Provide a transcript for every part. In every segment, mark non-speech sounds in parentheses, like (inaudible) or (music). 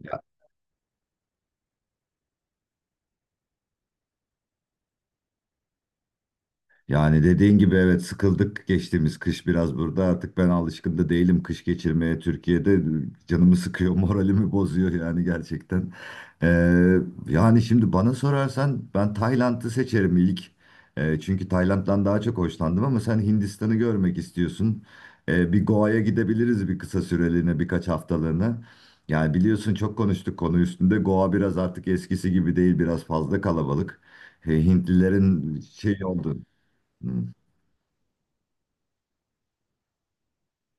Ya, yani dediğin gibi, evet, sıkıldık geçtiğimiz kış biraz burada. Artık ben alışkın da değilim kış geçirmeye Türkiye'de, canımı sıkıyor (laughs) moralimi bozuyor yani gerçekten. Ee, Yani şimdi bana sorarsan ben Tayland'ı seçerim ilk. Çünkü Tayland'dan daha çok hoşlandım ama sen Hindistan'ı görmek istiyorsun. Bir Goa'ya gidebiliriz bir kısa süreliğine, birkaç haftalığına. Yani biliyorsun, çok konuştuk konu üstünde, Goa biraz artık eskisi gibi değil, biraz fazla kalabalık. Hintlilerin şey oldu. Hmm.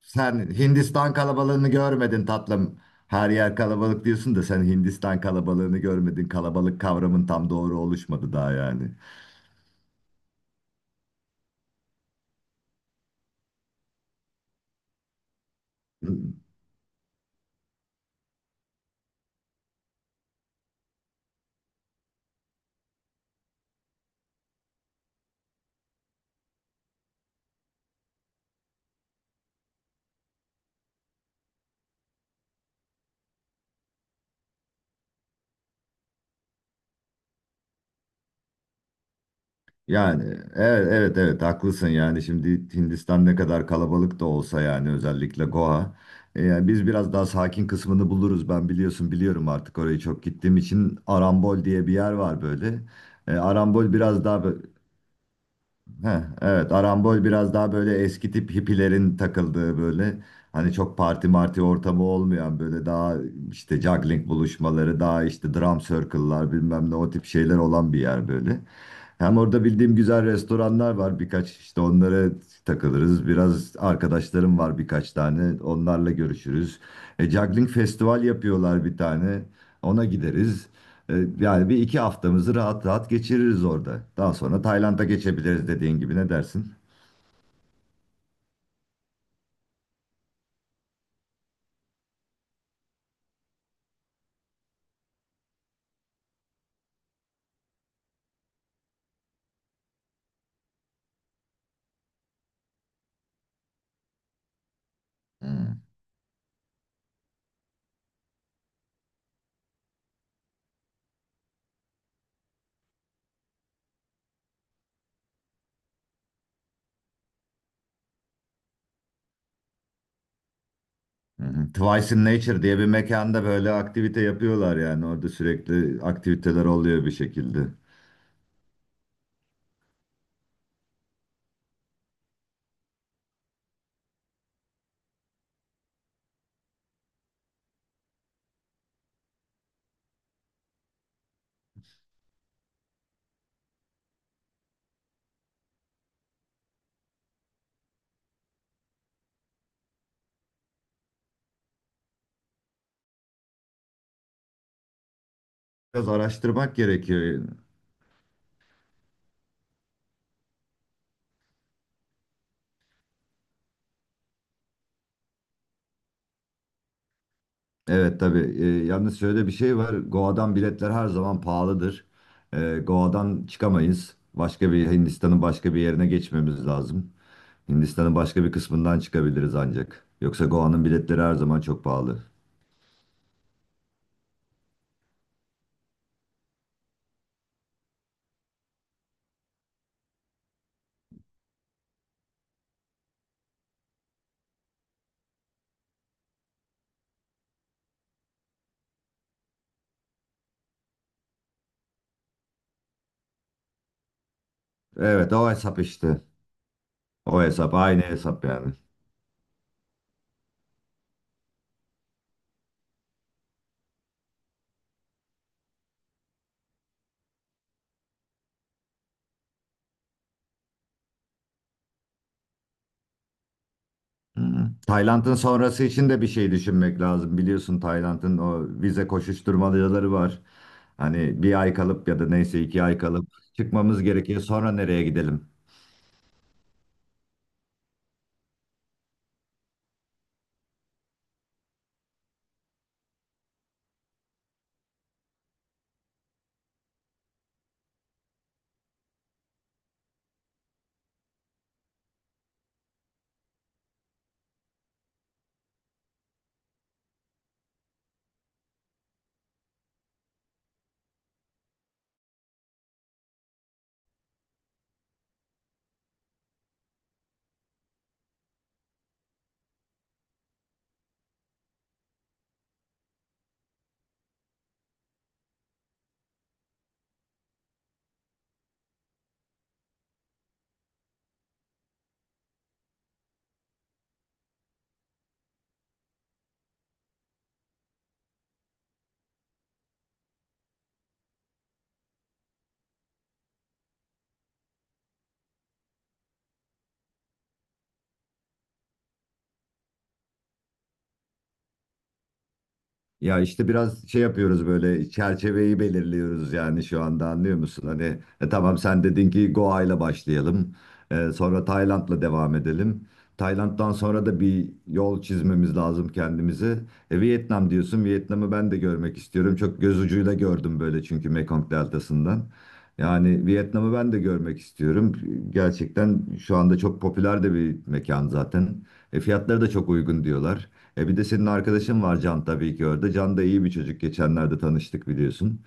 Sen Hindistan kalabalığını görmedin tatlım. Her yer kalabalık diyorsun da sen Hindistan kalabalığını görmedin. Kalabalık kavramın tam doğru oluşmadı daha yani. Yani evet, evet, evet, haklısın. Yani şimdi Hindistan ne kadar kalabalık da olsa, yani özellikle Goa. E, yani biz biraz daha sakin kısmını buluruz, ben biliyorsun, biliyorum artık orayı, çok gittiğim için. Arambol diye bir yer var böyle. E, Arambol biraz daha heh, evet, Arambol biraz daha böyle eski tip hippilerin takıldığı, böyle hani çok parti marti ortamı olmayan, böyle daha işte juggling buluşmaları, daha işte drum circle'lar, bilmem ne, o tip şeyler olan bir yer böyle. Hem orada bildiğim güzel restoranlar var birkaç, işte onlara takılırız. Biraz arkadaşlarım var birkaç tane, onlarla görüşürüz. E, juggling festival yapıyorlar bir tane, ona gideriz. E, yani bir iki haftamızı rahat rahat geçiririz orada. Daha sonra Tayland'a geçebiliriz dediğin gibi, ne dersin? Hmm. Hı hı. Twice in Nature diye bir mekanda böyle aktivite yapıyorlar, yani orada sürekli aktiviteler oluyor bir şekilde. Biraz araştırmak gerekiyor. Evet tabii. Yalnız şöyle bir şey var: Goa'dan biletler her zaman pahalıdır. Goa'dan çıkamayız. Başka bir Hindistan'ın başka bir yerine geçmemiz lazım. Hindistan'ın başka bir kısmından çıkabiliriz ancak. Yoksa Goa'nın biletleri her zaman çok pahalı. Evet, o hesap işte. O hesap, aynı hesap yani. Hı hı. Tayland'ın sonrası için de bir şey düşünmek lazım. Biliyorsun Tayland'ın o vize koşuşturmacaları var. Hani bir ay kalıp ya da neyse, iki ay kalıp çıkmamız gerekiyor. Sonra nereye gidelim? Ya işte biraz şey yapıyoruz, böyle çerçeveyi belirliyoruz yani şu anda, anlıyor musun? Hani e, tamam, sen dedin ki Goa ile başlayalım. E, sonra Tayland'la devam edelim. Tayland'dan sonra da bir yol çizmemiz lazım kendimize. E, Vietnam diyorsun. Vietnam'ı ben de görmek istiyorum. Çok göz ucuyla gördüm böyle, çünkü Mekong Deltası'ndan. Yani Vietnam'ı ben de görmek istiyorum. Gerçekten şu anda çok popüler de bir mekan zaten. E, fiyatları da çok uygun diyorlar. E, bir de senin arkadaşın var Can, tabii ki orada. Can da iyi bir çocuk, geçenlerde tanıştık biliyorsun.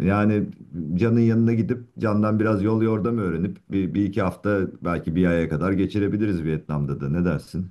Yani Can'ın yanına gidip Can'dan biraz yol yordam öğrenip bir iki hafta, belki bir aya kadar geçirebiliriz Vietnam'da da. Ne dersin?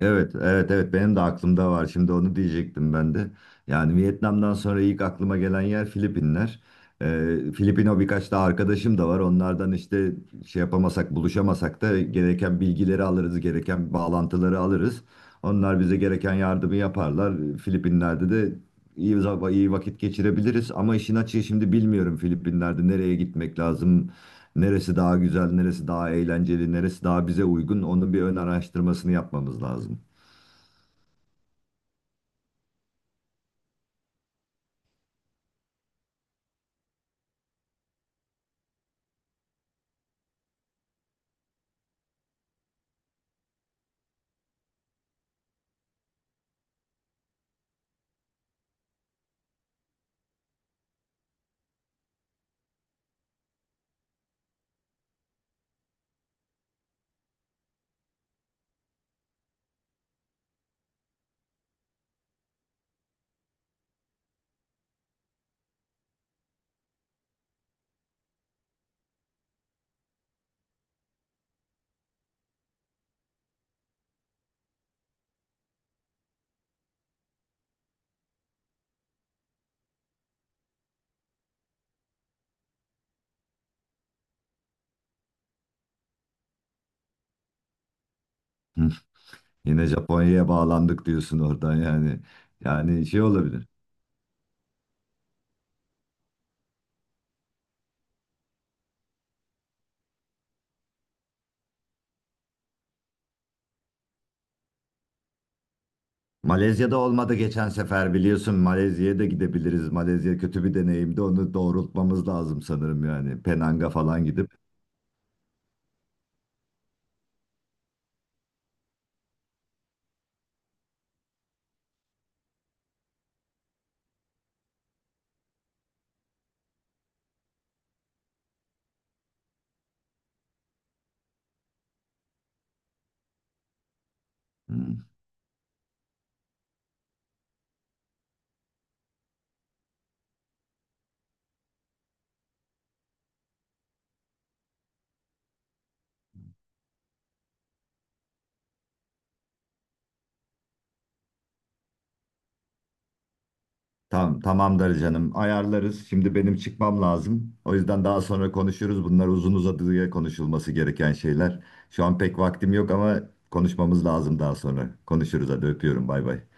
Evet, evet, evet. Benim de aklımda var. Şimdi onu diyecektim ben de. Yani Vietnam'dan sonra ilk aklıma gelen yer Filipinler. Filipino birkaç da arkadaşım da var. Onlardan işte şey yapamasak, buluşamasak da gereken bilgileri alırız, gereken bağlantıları alırız. Onlar bize gereken yardımı yaparlar. Filipinler'de de İyi iyi vakit geçirebiliriz ama işin açığı, şimdi bilmiyorum Filipinler'de nereye gitmek lazım. Neresi daha güzel, neresi daha eğlenceli, neresi daha bize uygun, onun bir ön araştırmasını yapmamız lazım. Hı. Yine Japonya'ya bağlandık diyorsun oradan yani. Yani şey olabilir. Malezya'da olmadı geçen sefer biliyorsun, Malezya'ya da gidebiliriz. Malezya kötü bir deneyimdi, onu doğrultmamız lazım sanırım yani. Penang'a falan gidip. Hı. Tamam, tamamdır canım. Ayarlarız. Şimdi benim çıkmam lazım, o yüzden daha sonra konuşuruz. Bunlar uzun uzadıya konuşulması gereken şeyler. Şu an pek vaktim yok ama konuşmamız lazım daha sonra. Konuşuruz, hadi öpüyorum. Bay bay.